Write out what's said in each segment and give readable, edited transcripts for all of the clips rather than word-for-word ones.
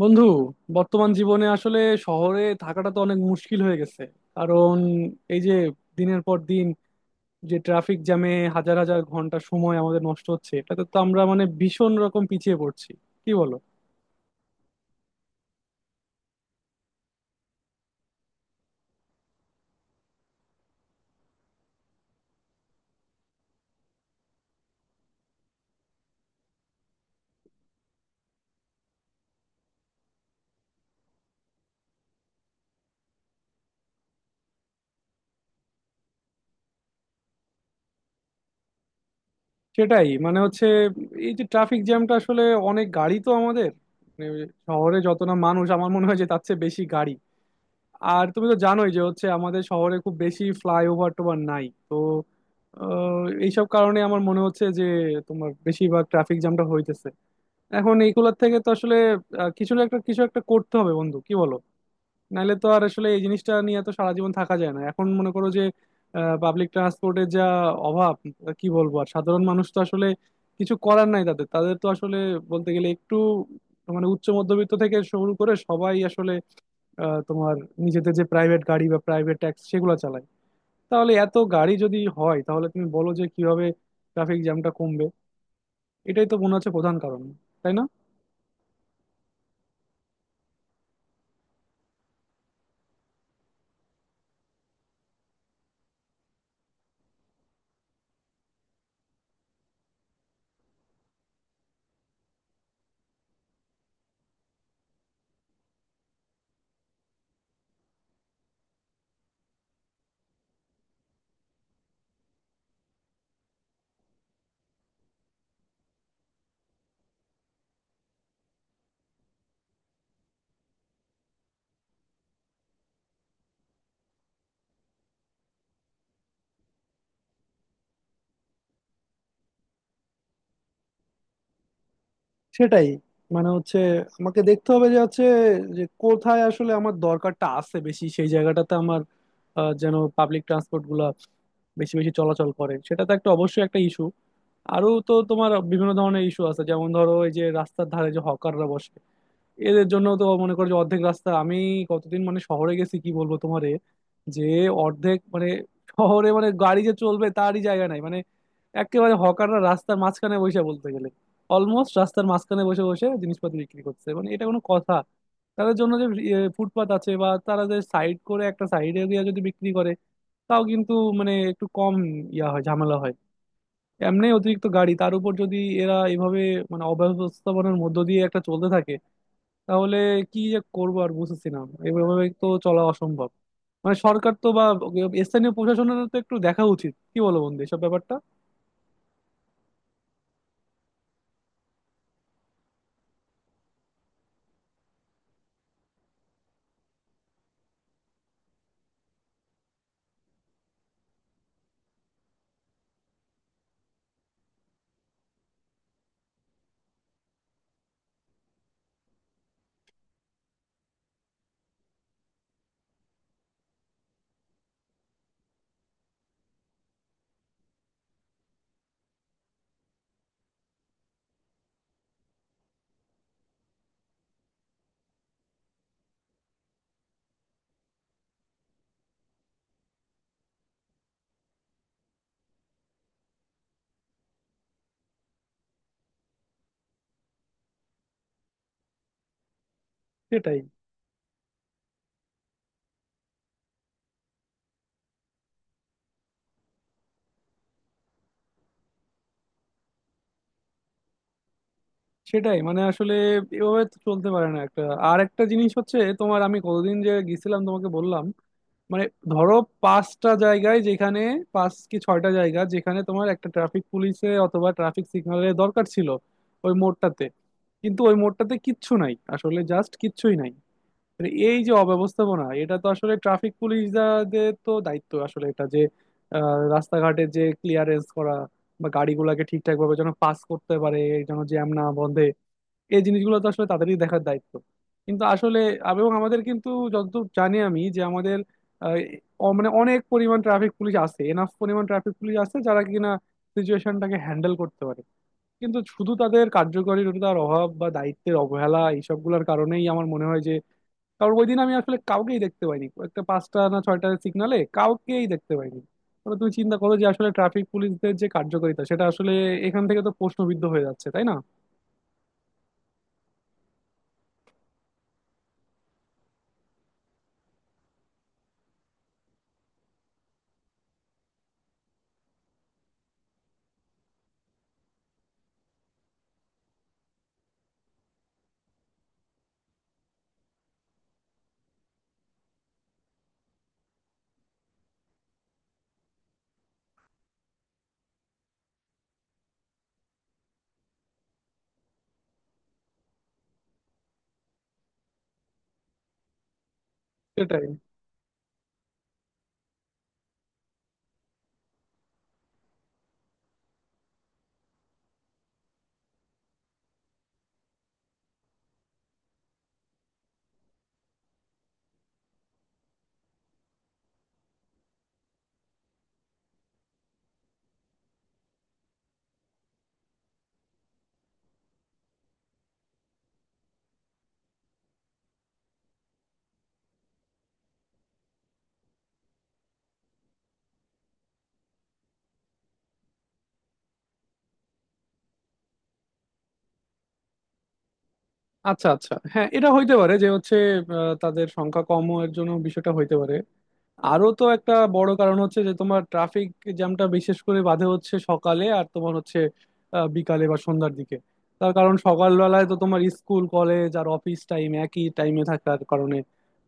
বন্ধু, বর্তমান জীবনে আসলে শহরে থাকাটা তো অনেক মুশকিল হয়ে গেছে। কারণ এই যে দিনের পর দিন যে ট্রাফিক জ্যামে হাজার হাজার ঘন্টা সময় আমাদের নষ্ট হচ্ছে এটাতে তো আমরা মানে ভীষণ রকম পিছিয়ে পড়ছি। কি বলো? সেটাই, মানে হচ্ছে এই যে ট্রাফিক জ্যামটা আসলে অনেক গাড়ি তো আমাদের, মানে শহরে যত না মানুষ আমার মনে হয় যে তার চেয়ে বেশি গাড়ি। আর তুমি তো জানোই যে হচ্ছে আমাদের শহরে খুব বেশি ফ্লাইওভার টোভার নাই। এইসব কারণে আমার মনে হচ্ছে যে তোমার বেশিরভাগ ট্রাফিক জ্যামটা হইতেছে। এখন এইগুলোর থেকে তো আসলে কিছু না একটা কিছু একটা করতে হবে বন্ধু। কি বলো? নাহলে তো আর আসলে এই জিনিসটা নিয়ে তো সারা জীবন থাকা যায় না। এখন মনে করো যে পাবলিক ট্রান্সপোর্টের যা অভাব, কি বলবো আর। সাধারণ মানুষ তো আসলে কিছু করার নাই তাদের তাদের তো আসলে বলতে গেলে একটু, মানে উচ্চ মধ্যবিত্ত থেকে শুরু করে সবাই আসলে তোমার নিজেদের যে প্রাইভেট গাড়ি বা প্রাইভেট ট্যাক্সি সেগুলো চালায়। তাহলে এত গাড়ি যদি হয় তাহলে তুমি বলো যে কিভাবে ট্রাফিক জ্যামটা কমবে? এটাই তো মনে হচ্ছে প্রধান কারণ, তাই না? সেটাই, মানে হচ্ছে আমাকে দেখতে হবে যে হচ্ছে, যে কোথায় আসলে আমার দরকারটা আছে বেশি সেই জায়গাটাতে আমার যেন পাবলিক ট্রান্সপোর্ট গুলা বেশি বেশি চলাচল করে, সেটা তো একটা অবশ্যই একটা ইস্যু। আরো তো তোমার বিভিন্ন ধরনের ইস্যু আছে, যেমন ধরো এই যে রাস্তার ধারে যে হকাররা বসে, এদের জন্য তো মনে করো যে অর্ধেক রাস্তা আমি কতদিন মানে শহরে গেছি কি বলবো তোমারে যে অর্ধেক মানে শহরে মানে গাড়ি যে চলবে তারই জায়গা নাই। মানে একেবারে হকাররা রাস্তার মাঝখানে বসে, বলতে গেলে অলমোস্ট রাস্তার মাঝখানে বসে বসে জিনিসপত্র বিক্রি করছে, মানে এটা কোনো কথা? তাদের জন্য যে ফুটপাত আছে বা তারা যে সাইড করে একটা সাইড এরিয়া যদি বিক্রি করে, তাও কিন্তু মানে একটু কম ইয়া হয় ঝামেলা হয়। এমনি অতিরিক্ত গাড়ি তার উপর যদি এরা এভাবে মানে অব্যবস্থাপনার মধ্য দিয়ে একটা চলতে থাকে তাহলে কি যে করবো আর বুঝতেছি না। এভাবে তো চলা অসম্ভব। মানে সরকার তো বা স্থানীয় প্রশাসনের তো একটু দেখা উচিত, কি বলো বন্ধু এসব ব্যাপারটা? সেটাই। সেটাই, মানে আসলে এভাবে তো চলতে পারে না একটা। আর একটা জিনিস হচ্ছে তোমার, আমি কতদিন যে গেছিলাম তোমাকে বললাম, মানে ধরো পাঁচটা জায়গায় যেখানে পাঁচ কি ছয়টা জায়গা যেখানে তোমার একটা ট্রাফিক পুলিশে অথবা ট্রাফিক সিগন্যালের দরকার ছিল ওই মোড়টাতে, কিন্তু ওই মোড়টাতে কিচ্ছু নাই, আসলে জাস্ট কিচ্ছুই নাই। মানে এই যে অব্যবস্থাপনা, এটা তো আসলে ট্রাফিক পুলিশদের তো দায়িত্ব আসলে এটা যে রাস্তাঘাটে যে ক্লিয়ারেন্স করা বা গাড়িগুলোকে ঠিকঠাক ভাবে যেন পাস করতে পারে, যেন জ্যাম না বন্ধে, এই জিনিসগুলো তো আসলে তাদেরই দেখার দায়িত্ব। কিন্তু আসলে এবং আমাদের কিন্তু যতদূর জানি আমি যে আমাদের আহ, মানে অনেক পরিমাণ ট্রাফিক পুলিশ আছে, এনাফ পরিমাণ ট্রাফিক পুলিশ আছে যারা কিনা সিচুয়েশনটাকে হ্যান্ডেল করতে পারে। কিন্তু শুধু তাদের কার্যকারিতার অভাব বা দায়িত্বের অবহেলা এইসবগুলোর কারণেই আমার মনে হয়। কারণ ওই দিন আমি আসলে কাউকেই দেখতে পাইনি একটা পাঁচটা না ছয়টা সিগনালে কাউকেই দেখতে পাইনি। তাহলে তুমি চিন্তা করো যে আসলে ট্রাফিক পুলিশদের যে কার্যকারিতা সেটা আসলে এখান থেকে তো প্রশ্নবিদ্ধ হয়ে যাচ্ছে, তাই না? সেটাই। আচ্ছা আচ্ছা, হ্যাঁ, এটা হইতে পারে যে হচ্ছে তাদের সংখ্যা কম এর জন্য বিষয়টা হইতে পারে। আরো তো একটা বড় কারণ হচ্ছে যে তোমার ট্রাফিক জ্যামটা বিশেষ করে বাধে হচ্ছে সকালে আর তোমার হচ্ছে বিকালে বা সন্ধ্যার দিকে। তার কারণ সকালবেলায় তো তোমার স্কুল কলেজ আর অফিস টাইম একই টাইমে থাকার কারণে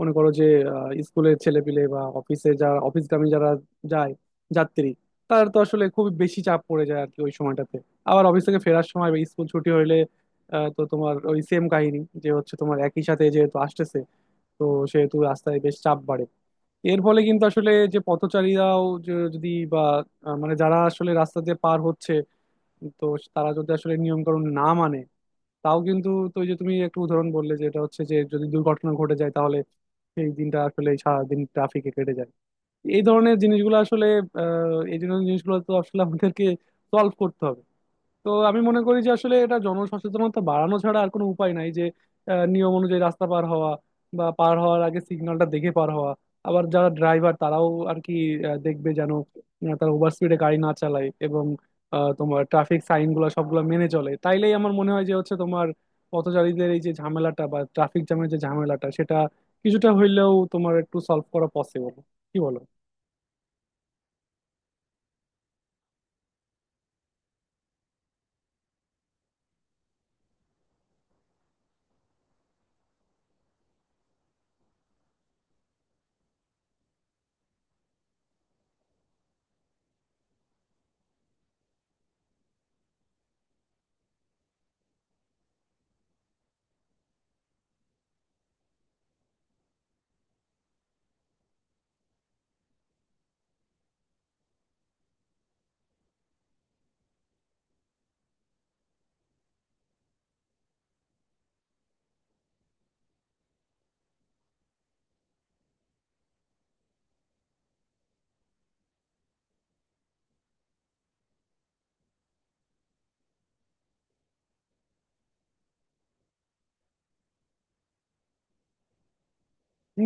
মনে করো যে স্কুলের ছেলেপিলে বা অফিসে যারা অফিসগামী যারা যায় যাত্রী, তার তো আসলে খুব বেশি চাপ পড়ে যায় আর কি ওই সময়টাতে। আবার অফিস থেকে ফেরার সময় বা স্কুল ছুটি হইলে তো তোমার ওই সেম কাহিনী যে হচ্ছে তোমার একই সাথে যেহেতু আসতেছে, তো সেহেতু রাস্তায় বেশ চাপ বাড়ে। এর ফলে কিন্তু আসলে যে পথচারীরাও যে যদি বা মানে যারা আসলে রাস্তা দিয়ে পার হচ্ছে, তো তারা যদি আসলে নিয়ম কানুন না মানে, তাও কিন্তু তো ওই যে তুমি একটা উদাহরণ বললে যে এটা হচ্ছে যে যদি দুর্ঘটনা ঘটে যায় তাহলে সেই দিনটা আসলে সারাদিন ট্রাফিকে কেটে যায়। এই ধরনের জিনিসগুলো আসলে এই ধরনের জিনিসগুলো তো আসলে আমাদেরকে সলভ করতে হবে। তো আমি মনে করি যে আসলে এটা জনসচেতনতা বাড়ানো ছাড়া আর কোনো উপায় নাই যে নিয়ম অনুযায়ী রাস্তা পার হওয়া বা পার হওয়ার আগে সিগন্যালটা দেখে পার হওয়া। আবার যারা ড্রাইভার তারাও আর কি দেখবে যেন তারা ওভার স্পিডে গাড়ি না চালায়, এবং তোমার ট্রাফিক সাইন গুলো সবগুলো মেনে চলে, তাইলেই আমার মনে হয় যে হচ্ছে তোমার পথচারীদের এই যে ঝামেলাটা বা ট্রাফিক জ্যামের যে ঝামেলাটা সেটা কিছুটা হইলেও তোমার একটু সলভ করা পসিবল। কি বলো?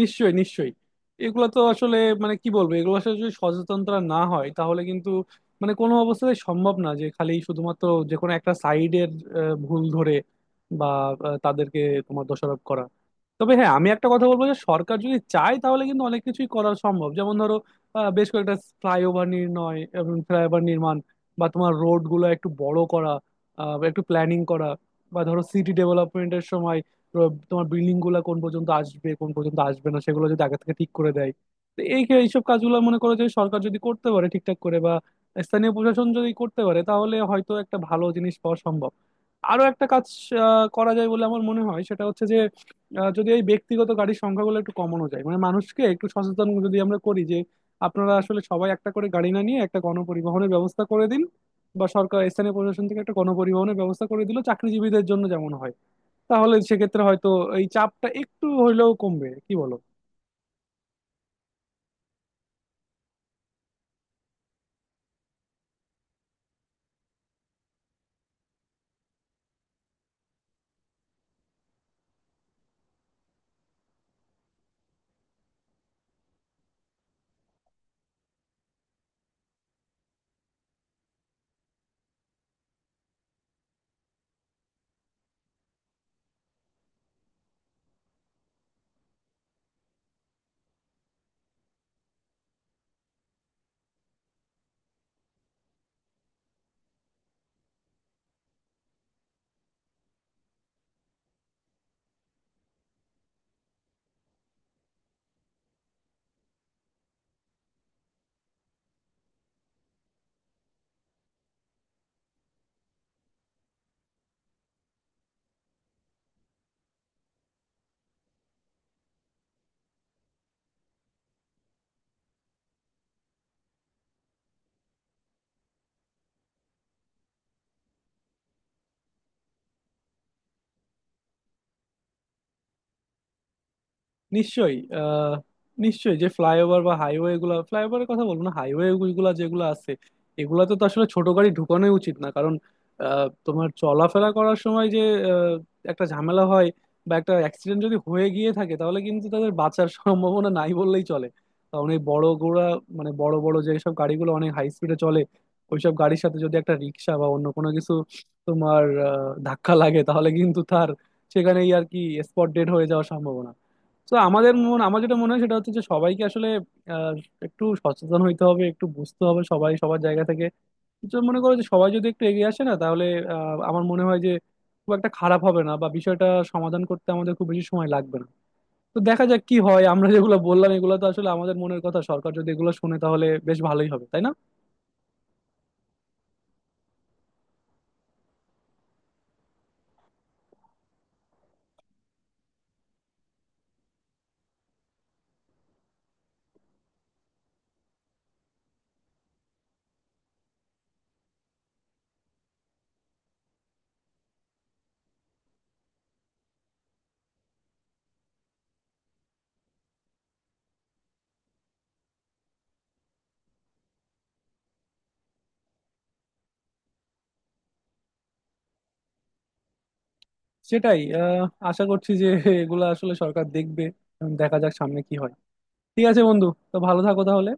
নিশ্চয়ই, নিশ্চয়ই। এগুলো তো আসলে মানে কি বলবো, এগুলো আসলে যদি সচেতনতা না হয় তাহলে কিন্তু মানে কোনো অবস্থাতে সম্ভব না যে খালি শুধুমাত্র যে কোনো একটা সাইডের ভুল ধরে বা তাদেরকে তোমার দোষারোপ করা। তবে হ্যাঁ, আমি একটা কথা বলবো যে সরকার যদি চায় তাহলে কিন্তু অনেক কিছুই করা সম্ভব, যেমন ধরো বেশ কয়েকটা ফ্লাইওভার নির্ণয় এবং ফ্লাইওভার নির্মাণ, বা তোমার রোড গুলো একটু বড় করা, বা একটু প্ল্যানিং করা, বা ধরো সিটি ডেভেলপমেন্টের সময় তো তোমার বিল্ডিং গুলা কোন পর্যন্ত আসবে কোন পর্যন্ত আসবে না সেগুলো যদি আগে থেকে ঠিক করে দেয়, তো এই এইসব কাজগুলো মনে করো যে সরকার যদি করতে পারে ঠিকঠাক করে বা স্থানীয় প্রশাসন যদি করতে পারে তাহলে হয়তো একটা ভালো জিনিস পাওয়া সম্ভব। আরো একটা কাজ করা যায় বলে আমার মনে হয় সেটা হচ্ছে যে যদি এই ব্যক্তিগত গাড়ির সংখ্যাগুলো একটু কমানো যায়, মানে মানুষকে একটু সচেতন যদি আমরা করি যে আপনারা আসলে সবাই একটা করে গাড়ি না নিয়ে একটা গণপরিবহনের ব্যবস্থা করে দিন, বা সরকার স্থানীয় প্রশাসন থেকে একটা গণপরিবহনের ব্যবস্থা করে দিল চাকরিজীবীদের জন্য যেমন হয়, তাহলে সেক্ষেত্রে হয়তো এই চাপটা একটু হইলেও কমবে। কি বলো? নিশ্চয়ই। আহ নিশ্চয়ই যে ফ্লাইওভার বা হাইওয়ে গুলা, ফ্লাইওভারের কথা বলবো না, হাইওয়ে গুলা যেগুলো আছে এগুলাতে তো আসলে ছোট গাড়ি ঢুকানোই উচিত না। কারণ তোমার চলাফেরা করার সময় যে আহ, একটা ঝামেলা হয়, বা একটা অ্যাক্সিডেন্ট যদি হয়ে গিয়ে থাকে তাহলে কিন্তু তাদের বাঁচার সম্ভাবনা নাই বললেই চলে। কারণ এই বড় গোড়া, মানে বড় বড় যেসব গাড়িগুলো অনেক হাই স্পিডে চলে ওইসব গাড়ির সাথে যদি একটা রিক্সা বা অন্য কোনো কিছু তোমার ধাক্কা লাগে তাহলে কিন্তু তার সেখানেই আর কি স্পট ডেড হয়ে যাওয়ার সম্ভাবনা। তো আমাদের মন আমার যেটা মনে হয় সেটা হচ্ছে যে সবাইকে আসলে আহ, একটু সচেতন হইতে হবে, একটু বুঝতে হবে সবাই সবার জায়গা থেকে। তো মনে করো যে সবাই যদি একটু এগিয়ে আসে না, তাহলে আমার মনে হয় যে খুব একটা খারাপ হবে না বা বিষয়টা সমাধান করতে আমাদের খুব বেশি সময় লাগবে না। তো দেখা যাক কি হয়, আমরা যেগুলো বললাম এগুলো তো আসলে আমাদের মনের কথা, সরকার যদি এগুলো শুনে তাহলে বেশ ভালোই হবে, তাই না? সেটাই, আশা করছি যে এগুলো আসলে সরকার দেখবে। এখন দেখা যাক সামনে কি হয়। ঠিক আছে বন্ধু, তো ভালো থাকো তাহলে।